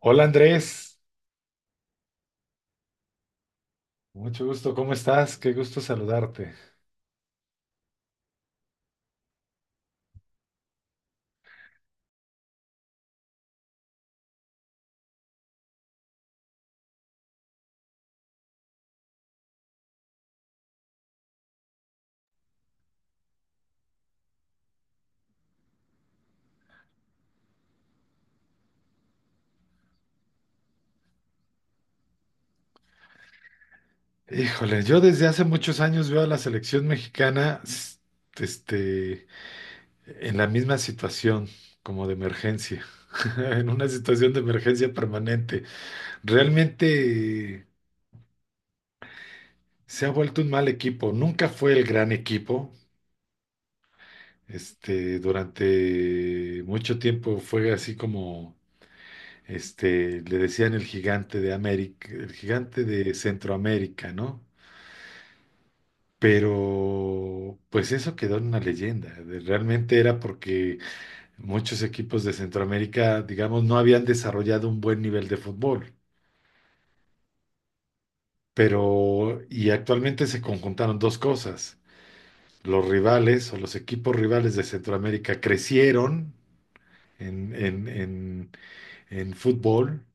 Hola Andrés, mucho gusto, ¿cómo estás? Qué gusto saludarte. Híjole, yo desde hace muchos años veo a la selección mexicana este, en la misma situación, como de emergencia, en una situación de emergencia permanente. Realmente se ha vuelto un mal equipo, nunca fue el gran equipo. Durante mucho tiempo fue así como le decían el gigante de América, el gigante de Centroamérica, ¿no? Pero pues eso quedó en una leyenda. Realmente era porque muchos equipos de Centroamérica, digamos, no habían desarrollado un buen nivel de fútbol. Pero, y actualmente se conjuntaron dos cosas. Los rivales o los equipos rivales de Centroamérica crecieron en, en, en, en fútbol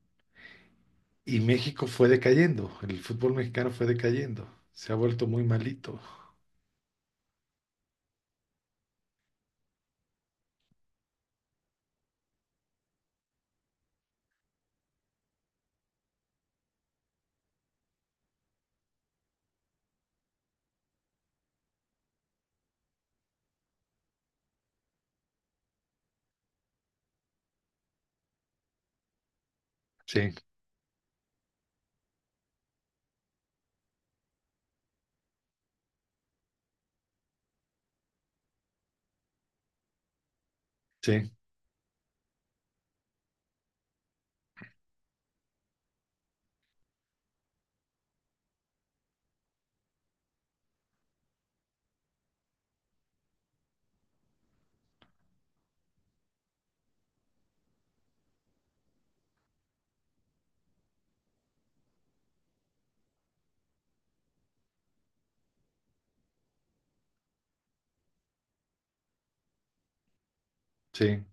y México fue decayendo. El fútbol mexicano fue decayendo. Se ha vuelto muy malito. Sí, sí, sí,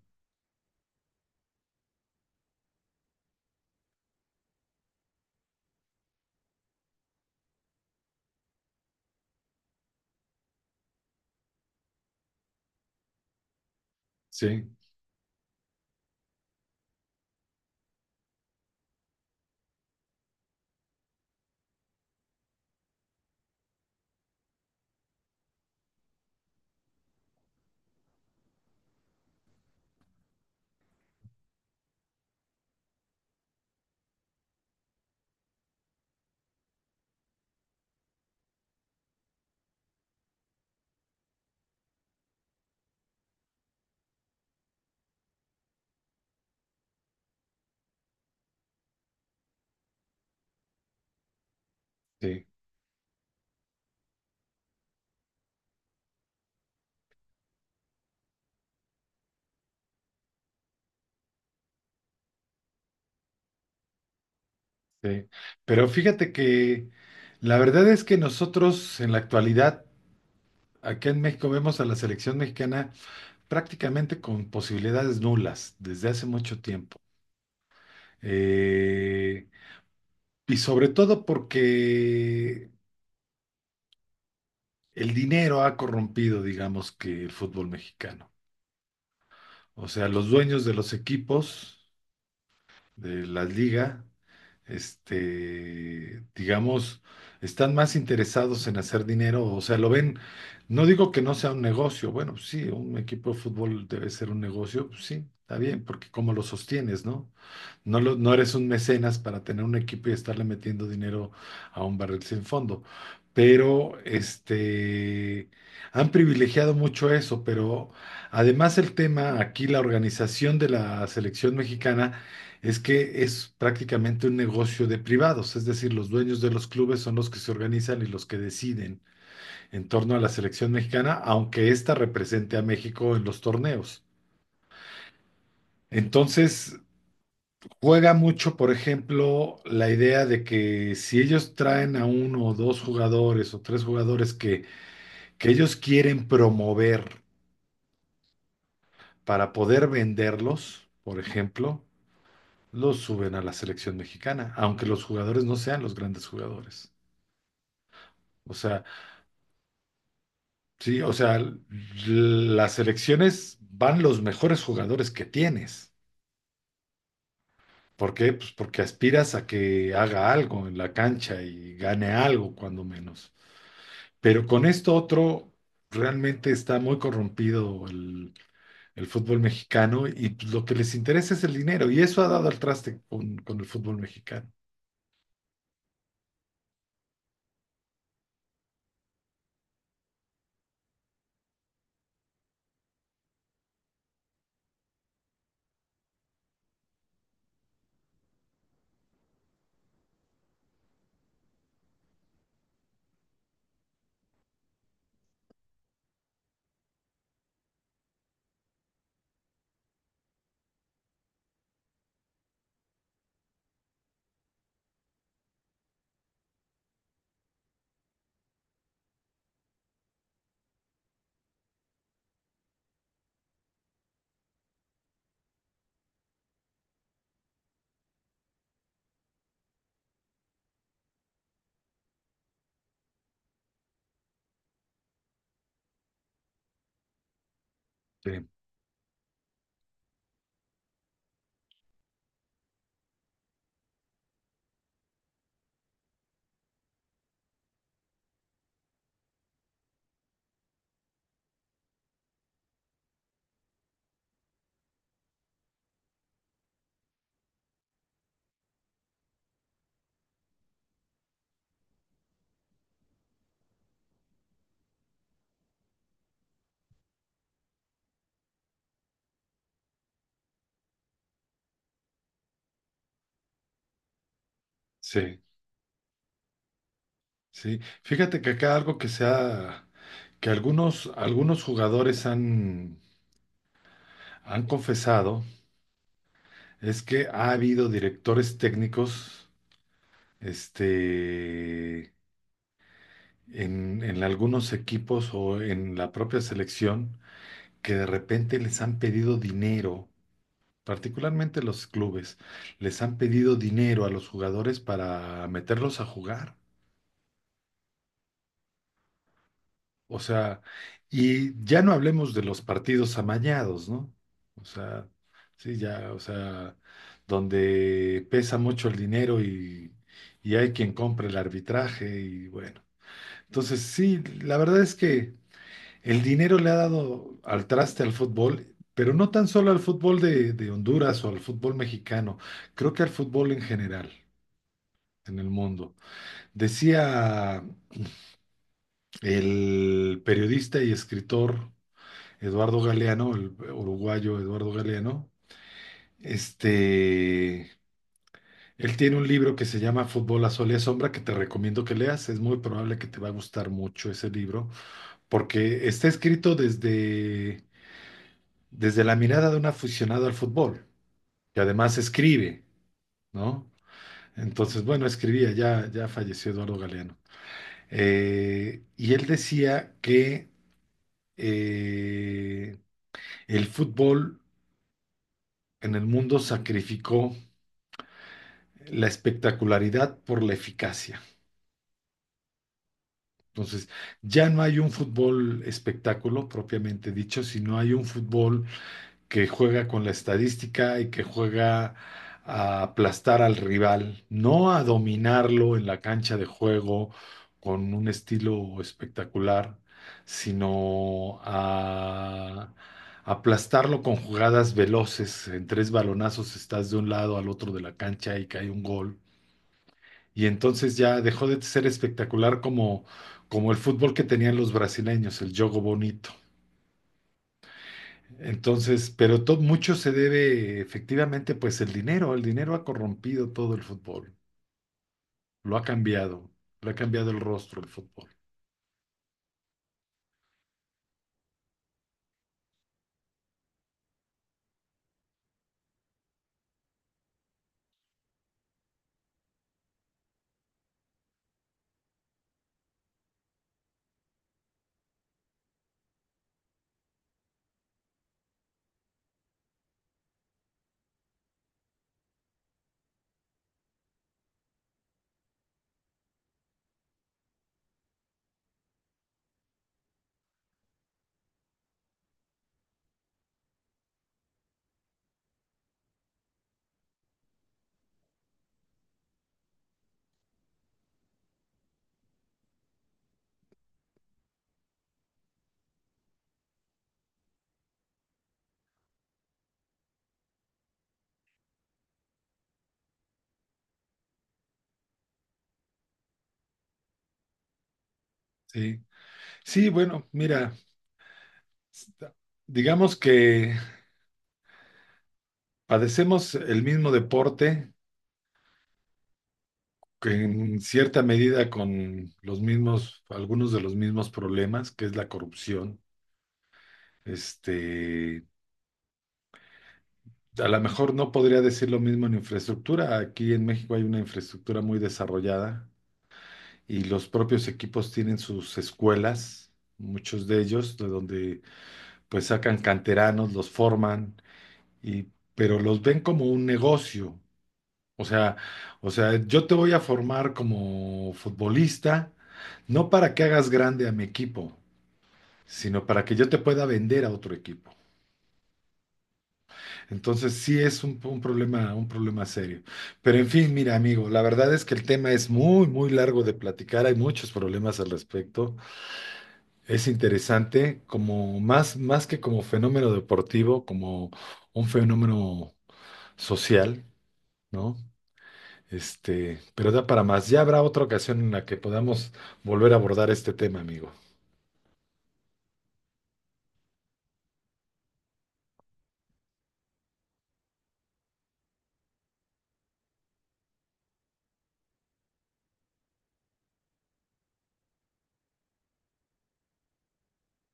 sí, sí. Sí, pero fíjate que la verdad es que nosotros en la actualidad, acá en México, vemos a la selección mexicana prácticamente con posibilidades nulas desde hace mucho tiempo. Eh, y sobre todo porque el dinero ha corrompido, digamos, que el fútbol mexicano. O sea, los dueños de los equipos, de las ligas, digamos, están más interesados en hacer dinero. O sea, lo ven, no digo que no sea un negocio, bueno, pues sí, un equipo de fútbol debe ser un negocio, pues sí, está bien, porque cómo lo sostienes, ¿no? No, no eres un mecenas para tener un equipo y estarle metiendo dinero a un barril sin fondo. Pero han privilegiado mucho eso, pero además el tema aquí, la organización de la selección mexicana, es que es prácticamente un negocio de privados, es decir, los dueños de los clubes son los que se organizan y los que deciden en torno a la selección mexicana, aunque ésta represente a México en los torneos. Entonces, juega mucho, por ejemplo, la idea de que si ellos traen a uno o dos jugadores o tres jugadores que ellos quieren promover para poder venderlos, por ejemplo, los suben a la selección mexicana, aunque los jugadores no sean los grandes jugadores. O sea, sí, o sea, las selecciones van los mejores jugadores que tienes. ¿Por qué? Pues porque aspiras a que haga algo en la cancha y gane algo, cuando menos. Pero con esto otro, realmente está muy corrompido el fútbol mexicano y pues, lo que les interesa es el dinero y eso ha dado al traste con el fútbol mexicano. Sí, sí, sí. Fíjate que acá algo que se ha, que algunos, algunos jugadores han, han confesado es que ha habido directores técnicos, este, en algunos equipos o en la propia selección que de repente les han pedido dinero, particularmente los clubes, les han pedido dinero a los jugadores para meterlos a jugar. O sea, y ya no hablemos de los partidos amañados, ¿no? O sea, sí, ya, o sea, donde pesa mucho el dinero y hay quien compra el arbitraje y bueno. Entonces, sí, la verdad es que el dinero le ha dado al traste al fútbol, pero no tan solo al fútbol de Honduras o al fútbol mexicano, creo que al fútbol en general, en el mundo. Decía el periodista y escritor Eduardo Galeano, el uruguayo Eduardo Galeano, este, él tiene un libro que se llama Fútbol a Sol y a Sombra que te recomiendo que leas. Es muy probable que te va a gustar mucho ese libro porque está escrito desde, desde la mirada de un aficionado al fútbol y además escribe, ¿no? Entonces, bueno, escribía, ya, ya falleció Eduardo Galeano. Y él decía que eh, el fútbol en el mundo sacrificó la espectacularidad por la eficacia. Entonces, ya no hay un fútbol espectáculo propiamente dicho, sino hay un fútbol que juega con la estadística y que juega a aplastar al rival, no a dominarlo en la cancha de juego con un estilo espectacular, sino a aplastarlo con jugadas veloces. En tres balonazos estás de un lado al otro de la cancha y cae un gol. Y entonces ya dejó de ser espectacular como, como el fútbol que tenían los brasileños, el jogo bonito. Entonces, pero mucho se debe efectivamente, pues el dinero ha corrompido todo el fútbol, lo ha cambiado, lo ha cambiado el rostro el fútbol. Sí, sí, bueno, mira, sta- digamos que padecemos el mismo deporte, que en cierta medida con los mismos, algunos de los mismos problemas, que es la corrupción. Este, a lo mejor no podría decir lo mismo en infraestructura. Aquí en México hay una infraestructura muy desarrollada y los propios equipos tienen sus escuelas, muchos de ellos, de donde pues sacan canteranos, los forman, y, pero los ven como un negocio. O sea, o sea, yo te voy a formar como futbolista, no para que hagas grande a mi equipo, sino para que yo te pueda vender a otro equipo. Entonces sí es un problema serio. Pero en fin, mira, amigo, la verdad es que el tema es muy, muy largo de platicar, hay muchos problemas al respecto. Es interesante, como más, más que como fenómeno deportivo, como un fenómeno social, ¿no? Pero da para más. Ya habrá otra ocasión en la que podamos volver a abordar este tema, amigo.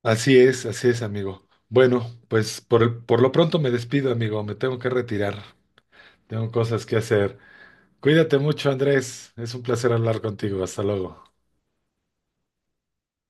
Así es, amigo. Bueno, pues por lo pronto me despido, amigo. Me tengo que retirar. Tengo cosas que hacer. Cuídate mucho, Andrés. Es un placer hablar contigo. Hasta luego.